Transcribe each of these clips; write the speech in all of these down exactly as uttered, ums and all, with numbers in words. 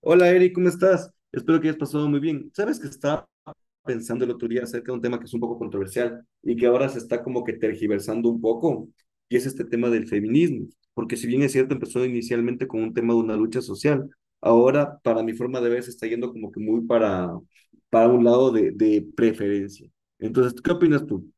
Hola Eric, ¿cómo estás? Espero que hayas pasado muy bien. Sabes que estaba pensando el otro día acerca de un tema que es un poco controversial y que ahora se está como que tergiversando un poco, y es este tema del feminismo, porque si bien es cierto, empezó inicialmente con un tema de una lucha social, ahora para mi forma de ver se está yendo como que muy para, para un lado de, de preferencia. Entonces, ¿qué opinas tú?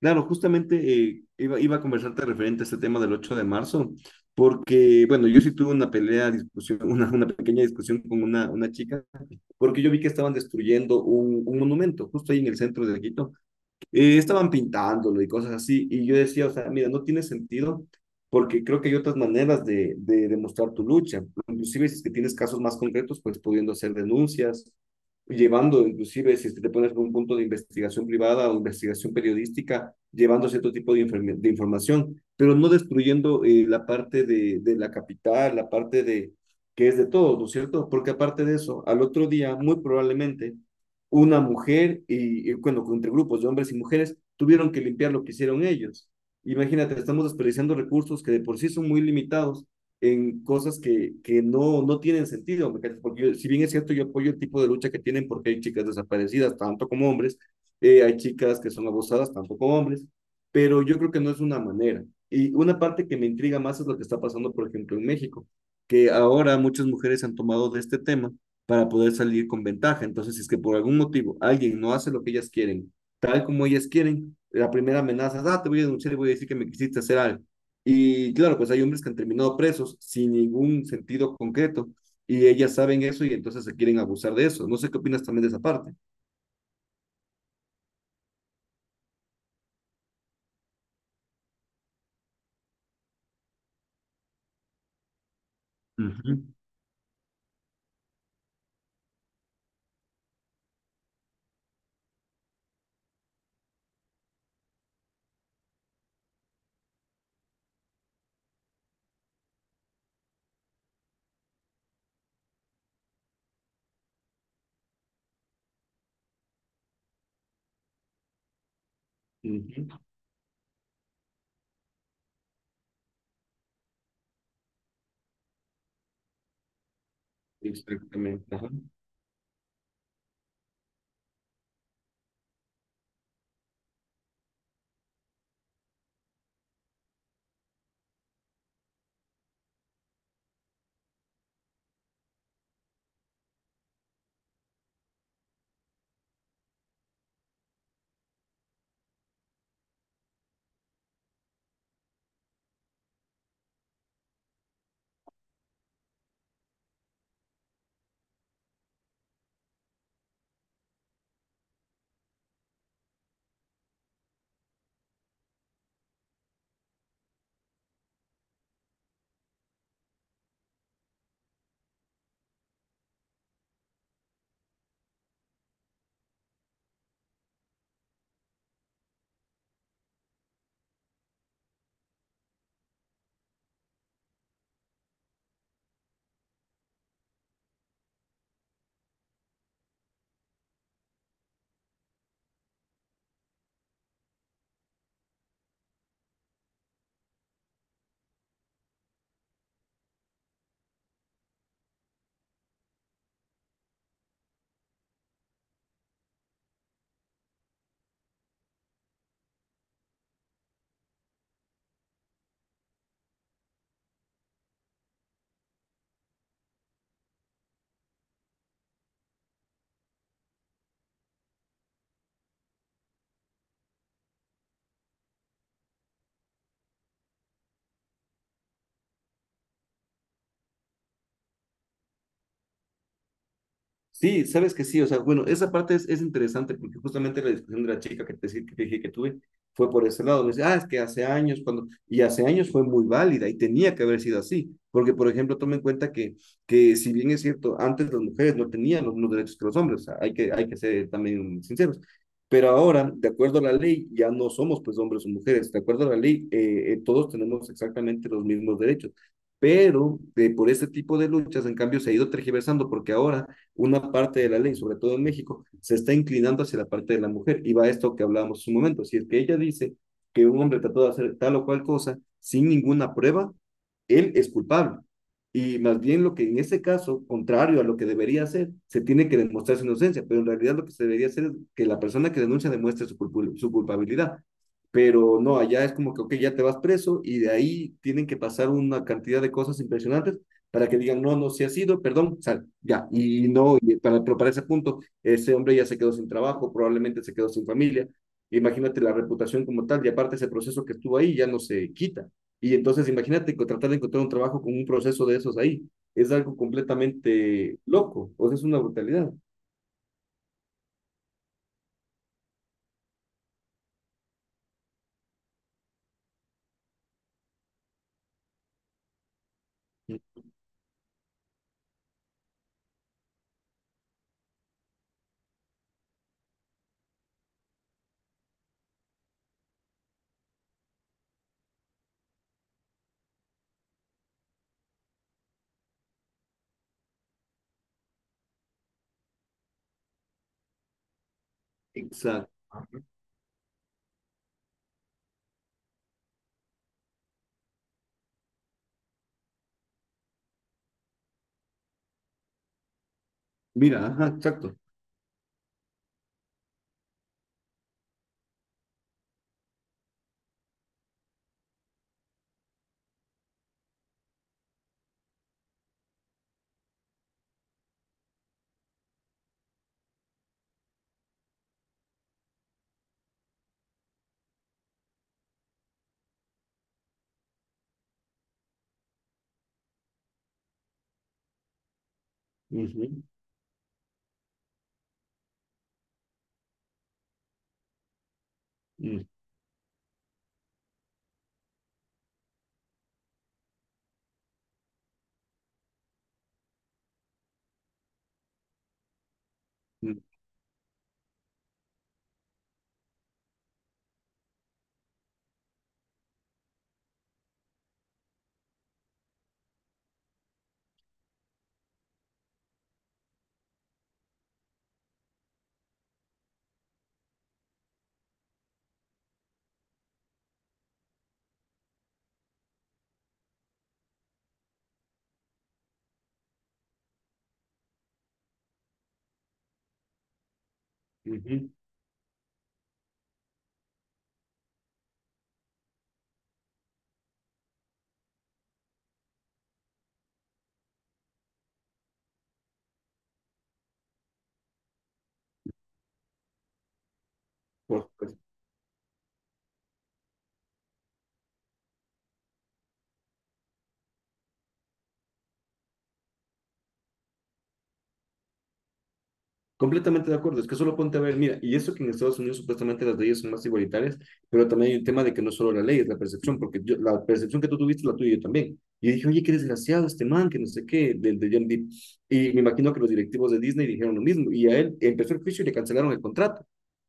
Claro, justamente eh, iba, iba a conversarte referente a este tema del ocho de marzo, porque, bueno, yo sí tuve una pelea, discusión, una, una pequeña discusión con una, una chica, porque yo vi que estaban destruyendo un, un monumento justo ahí en el centro de Quito eh, estaban pintándolo y cosas así, y yo decía, o sea, mira, no tiene sentido porque creo que hay otras maneras de, de demostrar tu lucha, inclusive si es que tienes casos más concretos, pues pudiendo hacer denuncias, llevando, inclusive si es que te pones por un punto de investigación privada o investigación periodística, llevando cierto tipo de, de información, pero no destruyendo eh, la parte de, de la capital, la parte de que es de todos, ¿no es cierto? Porque aparte de eso, al otro día, muy probablemente, una mujer y, y, bueno, entre grupos de hombres y mujeres, tuvieron que limpiar lo que hicieron ellos. Imagínate, estamos desperdiciando recursos que de por sí son muy limitados en cosas que, que no, no tienen sentido, porque yo, si bien es cierto, yo apoyo el tipo de lucha que tienen porque hay chicas desaparecidas, tanto como hombres, eh, hay chicas que son abusadas, tanto como hombres, pero yo creo que no es una manera. Y una parte que me intriga más es lo que está pasando, por ejemplo, en México, que ahora muchas mujeres han tomado de este tema para poder salir con ventaja. Entonces, si es que por algún motivo alguien no hace lo que ellas quieren, tal como ellas quieren, la primera amenaza es, ah, te voy a denunciar y voy a decir que me quisiste hacer algo. Y claro, pues hay hombres que han terminado presos sin ningún sentido concreto y ellas saben eso y entonces se quieren abusar de eso. No sé qué opinas también de esa parte. Ujú. Ujú. Exactamente. Ajá. Sí, sabes que sí, o sea, bueno, esa parte es, es interesante porque justamente la discusión de la chica que te, que te dije que tuve fue por ese lado. Me dice, ah, es que hace años, cuando, y hace años fue muy válida y tenía que haber sido así, porque por ejemplo, tome en cuenta que, que si bien es cierto, antes las mujeres no tenían los mismos derechos que los hombres, o sea, hay que, hay que ser también sinceros, pero ahora, de acuerdo a la ley, ya no somos pues hombres o mujeres, de acuerdo a la ley, eh, eh, todos tenemos exactamente los mismos derechos. Pero eh, por este tipo de luchas, en cambio, se ha ido tergiversando porque ahora una parte de la ley, sobre todo en México, se está inclinando hacia la parte de la mujer. Y va a esto que hablábamos un momento. Si es que ella dice que un hombre trató de hacer tal o cual cosa sin ninguna prueba, él es culpable. Y más bien lo que en ese caso, contrario a lo que debería hacer, se tiene que demostrar su inocencia, pero en realidad lo que se debería hacer es que la persona que denuncia demuestre su, culp su culpabilidad. Pero no, allá es como que, ok, ya te vas preso y de ahí tienen que pasar una cantidad de cosas impresionantes para que digan, no, no, si ha sido, perdón, sal, ya. Y no, y para, pero para ese punto, ese hombre ya se quedó sin trabajo, probablemente se quedó sin familia. Imagínate la reputación como tal, y aparte ese proceso que estuvo ahí ya no se quita. Y entonces imagínate tratar de encontrar un trabajo con un proceso de esos ahí. Es algo completamente loco, o sea, es una brutalidad. Exacto. Mira, ajá, exacto. Ujú. Mm. Ujú. Ujú. Por-. Completamente de acuerdo, es que solo ponte a ver, mira, y eso que en Estados Unidos supuestamente las leyes son más igualitarias, pero también hay un tema de que no solo la ley, es la percepción, porque yo, la percepción que tú tuviste la tuya y yo también. Y dije, oye, qué desgraciado este man, que no sé qué, del de John Depp. Y me imagino que los directivos de Disney dijeron lo mismo, y a él empezó el juicio y le cancelaron el contrato,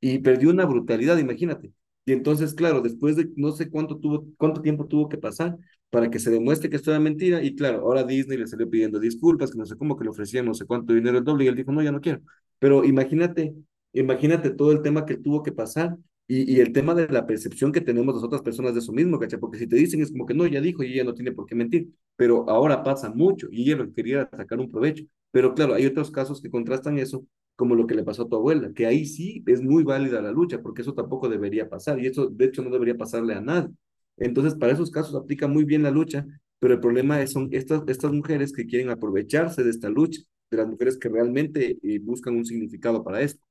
y perdió una brutalidad, imagínate. Y entonces, claro, después de no sé cuánto, tuvo, cuánto tiempo tuvo que pasar para que se demuestre que esto era mentira, y claro, ahora Disney le salió pidiendo disculpas, que no sé cómo, que le ofrecían no sé cuánto dinero el doble, y él dijo, no, ya no quiero. Pero imagínate, imagínate todo el tema que tuvo que pasar y, y el tema de la percepción que tenemos las otras personas de eso mismo, ¿cachai? Porque si te dicen es como que no, ya dijo y ella no tiene por qué mentir, pero ahora pasa mucho y ella lo quería sacar un provecho. Pero claro, hay otros casos que contrastan eso, como lo que le pasó a tu abuela, que ahí sí es muy válida la lucha, porque eso tampoco debería pasar y eso de hecho no debería pasarle a nadie. Entonces, para esos casos aplica muy bien la lucha, pero el problema es, son estas, estas mujeres que quieren aprovecharse de esta lucha de las mujeres que realmente eh, buscan un significado para esto.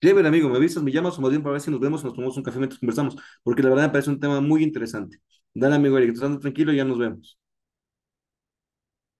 Clever, amigo, ¿me avisas, me llamas o más bien para ver si nos vemos, nos tomamos un café mientras conversamos? Porque la verdad me parece un tema muy interesante. Dale, amigo Eric, estando tranquilo, ya nos vemos.